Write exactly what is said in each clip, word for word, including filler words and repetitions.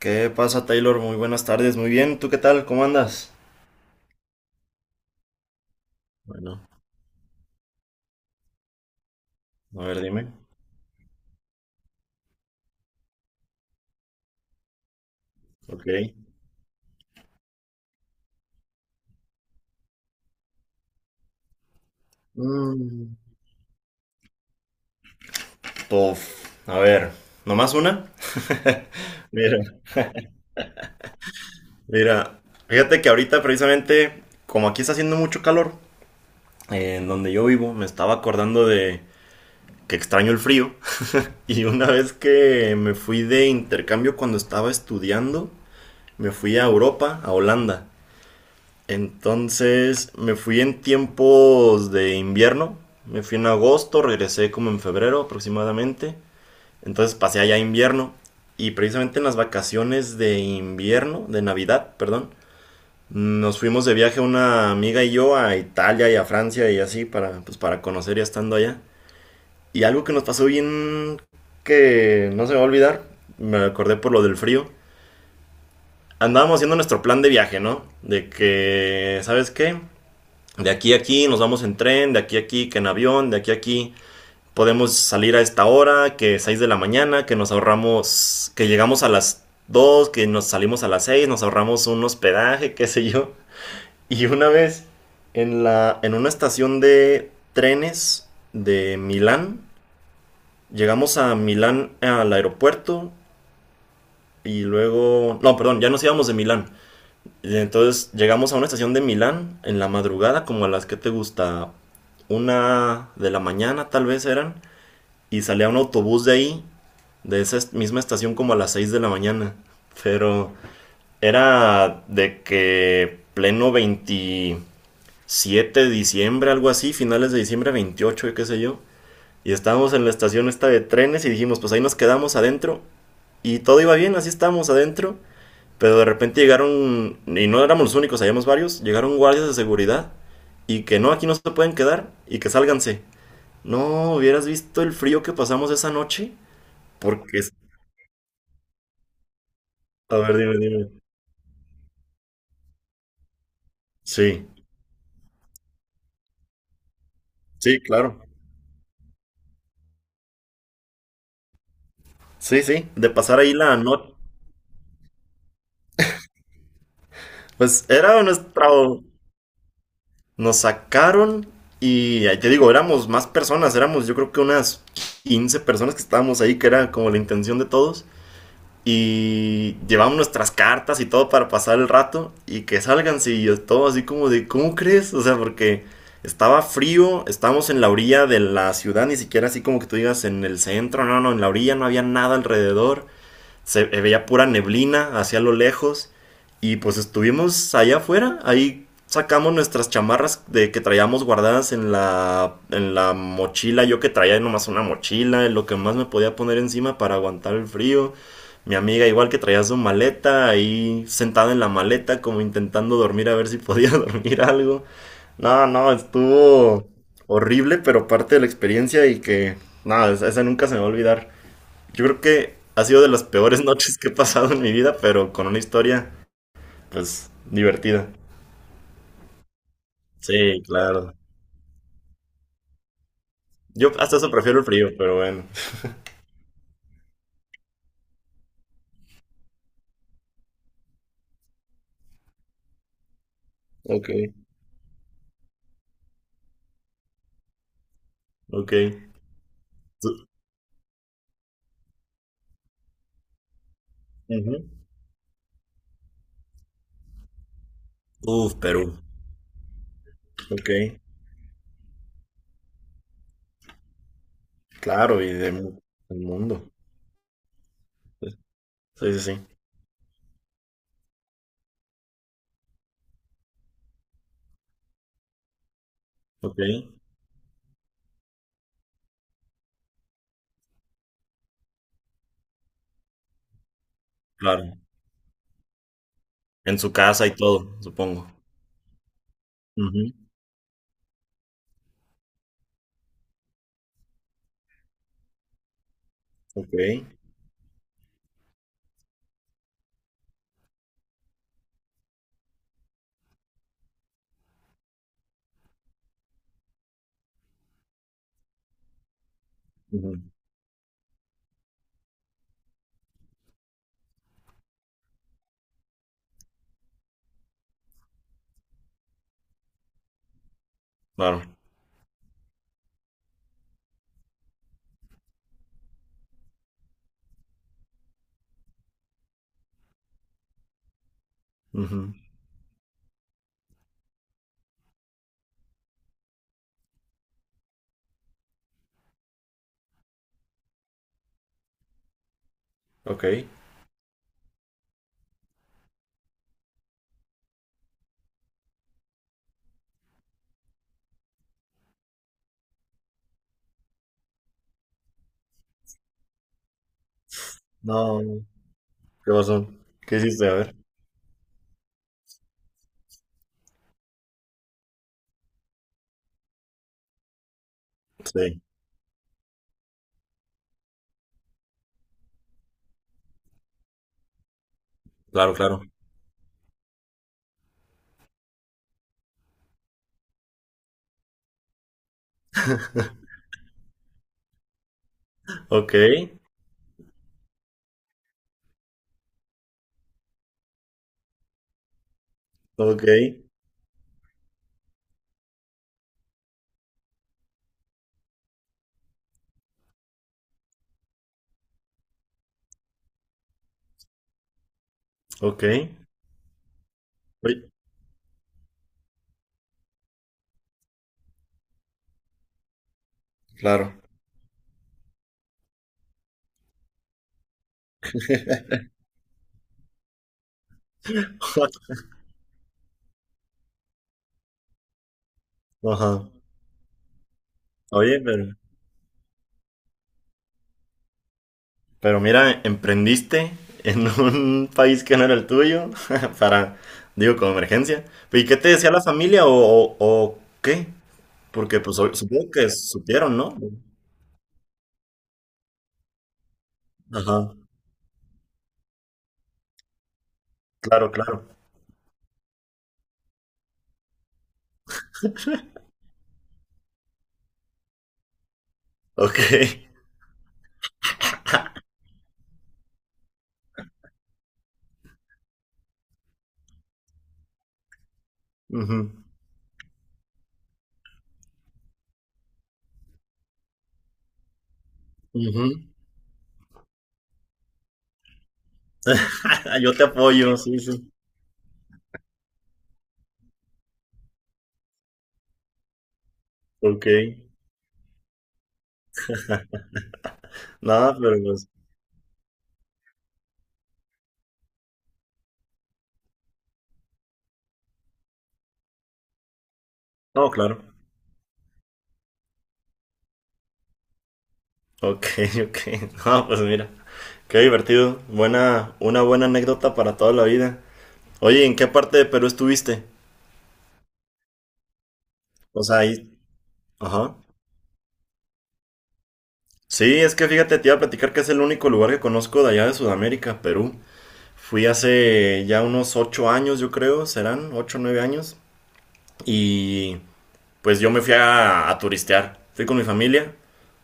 ¿Qué pasa, Taylor? Muy buenas tardes. Muy bien. ¿Tú qué tal? ¿Cómo andas? Bueno, a ver, dime. Ok. Mm. Tof. A ver, ¿nomás una? Mira, mira. Fíjate que ahorita precisamente, como aquí está haciendo mucho calor, eh, en donde yo vivo, me estaba acordando de que extraño el frío. Y una vez que me fui de intercambio cuando estaba estudiando, me fui a Europa, a Holanda. Entonces me fui en tiempos de invierno. Me fui en agosto, regresé como en febrero aproximadamente. Entonces pasé allá invierno. Y precisamente en las vacaciones de invierno, de Navidad, perdón, nos fuimos de viaje una amiga y yo a Italia y a Francia y así para, pues, para conocer ya estando allá. Y algo que nos pasó bien que no se me va a olvidar, me acordé por lo del frío. Andábamos haciendo nuestro plan de viaje, ¿no? De que, ¿sabes qué? De aquí a aquí nos vamos en tren, de aquí a aquí que en avión, de aquí a aquí podemos salir a esta hora, que seis de la mañana, que nos ahorramos, que llegamos a las dos, que nos salimos a las seis, nos ahorramos un hospedaje, qué sé yo. Y una vez en la en una estación de trenes de Milán, llegamos a Milán al aeropuerto y luego no, perdón, ya nos íbamos de Milán. Y entonces llegamos a una estación de Milán en la madrugada, como a las que te gusta, una de la mañana tal vez eran, y salía un autobús de ahí, de esa est- misma estación como a las seis de la mañana. Pero era de que pleno veintisiete de diciembre, algo así, finales de diciembre veintiocho y qué sé yo. Y estábamos en la estación esta de trenes y dijimos, pues ahí nos quedamos adentro. Y todo iba bien, así estábamos adentro. Pero de repente llegaron, y no éramos los únicos, habíamos varios, llegaron guardias de seguridad y que no, aquí no se pueden quedar y que sálganse. No, hubieras visto el frío que pasamos esa noche. Porque, es- a ver, dime, dime. Sí, sí, claro. Sí, sí, de pasar ahí la noche. Pues era nuestro... Nos sacaron y ahí te digo, éramos más personas, éramos yo creo que unas quince personas que estábamos ahí, que era como la intención de todos. Y llevamos nuestras cartas y todo para pasar el rato y que salgan sí yo todo así como de ¿cómo crees? O sea, porque estaba frío, estábamos en la orilla de la ciudad, ni siquiera así como que tú digas en el centro, no, no, en la orilla no había nada alrededor, se veía pura neblina hacia lo lejos. Y pues estuvimos allá afuera, ahí sacamos nuestras chamarras de que traíamos guardadas en la en la mochila, yo que traía nomás una mochila, lo que más me podía poner encima para aguantar el frío. Mi amiga igual, que traía su maleta, ahí sentada en la maleta como intentando dormir, a ver si podía dormir algo. No, no, estuvo horrible, pero parte de la experiencia. Y que nada, esa nunca se me va a olvidar. Yo creo que ha sido de las peores noches que he pasado en mi vida, pero con una historia, pues, divertida. Sí, claro. Yo hasta eso prefiero el frío, pero bueno. Ok, ok. Tú- ujú. Uf, Perú. Ok, claro, y de mu- del mundo. Sí, sí, sí. Ok, claro. En su casa y todo, supongo. Ujú. Ok, ujú. Claro. Ujú. Ok. No, ¿qué pasó? ¿Qué hiciste? A ver. Sí, claro, claro. Ok, ok. Ok. Oye. Claro. Ajá. Oye, pero, pero mira, emprendiste en un país que no era el tuyo para, digo, como emergencia. ¿Y qué te decía la familia o, o, o qué? Porque pues o- supongo que supieron, ¿no? Ajá. Claro, claro. Ok. Ujú, ujú. Yo te apoyo, sí, sí. Ok. Nada, pero pues. No, claro. Ok, ok. No, pues mira. Qué divertido. Buena, una buena anécdota para toda la vida. Oye, ¿en qué parte de Perú estuviste? O sea, ahí. Ajá. Sí, es que fíjate, te iba a platicar que es el único lugar que conozco de allá de Sudamérica, Perú. Fui hace ya unos ocho años, yo creo, serán ocho o nueve años. Y pues yo me fui a, a turistear. Fui con mi familia,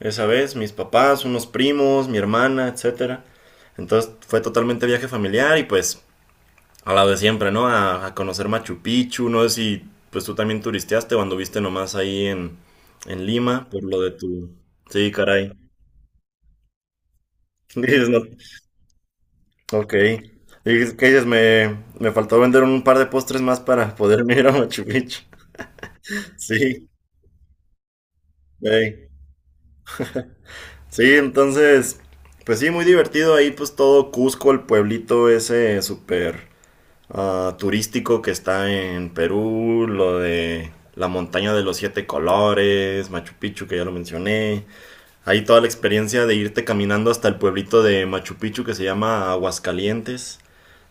esa vez, mis papás, unos primos, mi hermana, etcétera. Entonces fue totalmente viaje familiar y pues a la de siempre, ¿no? A, a conocer Machu Picchu, no sé si pues tú también turisteaste o anduviste nomás ahí en, en Lima por lo de tu... Sí, caray. Dices, no. Ok. Dices, ¿qué dices? Me, me faltó vender un par de postres más para poder ir a Machu Picchu. Sí, ey. Sí, entonces, pues sí, muy divertido ahí, pues todo Cusco, el pueblito ese súper... uh, turístico, que está en Perú, lo de la montaña de los siete colores, Machu Picchu, que ya lo mencioné. Ahí toda la experiencia de irte caminando hasta el pueblito de Machu Picchu, que se llama Aguascalientes.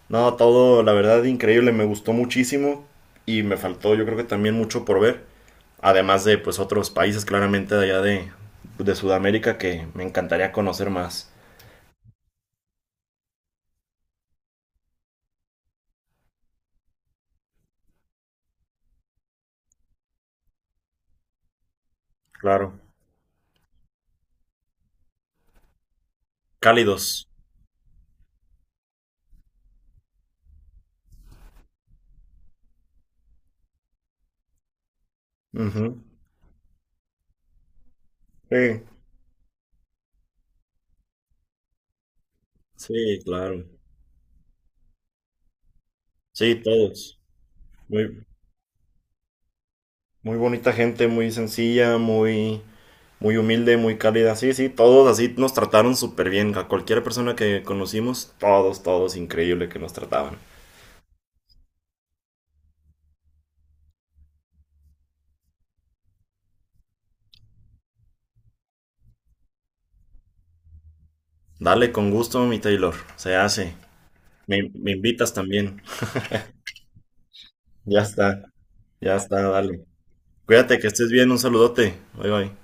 No, todo, la verdad, increíble, me gustó muchísimo y me faltó, yo creo que también, mucho por ver. Además de, pues, otros países claramente de allá de, de Sudamérica que me encantaría conocer más. Claro. Cálidos. Ujú. Sí. Sí, claro. Sí, todos. Muy, muy bonita gente, muy sencilla, muy, muy humilde, muy cálida. Sí, sí, todos así nos trataron súper bien. A cualquier persona que conocimos, todos, todos, increíble que nos trataban. Dale, con gusto, mi Taylor. Se hace. Me, me invitas también. Ya está, ya está, dale. Cuídate, que estés bien. Un saludote. Bye, bye.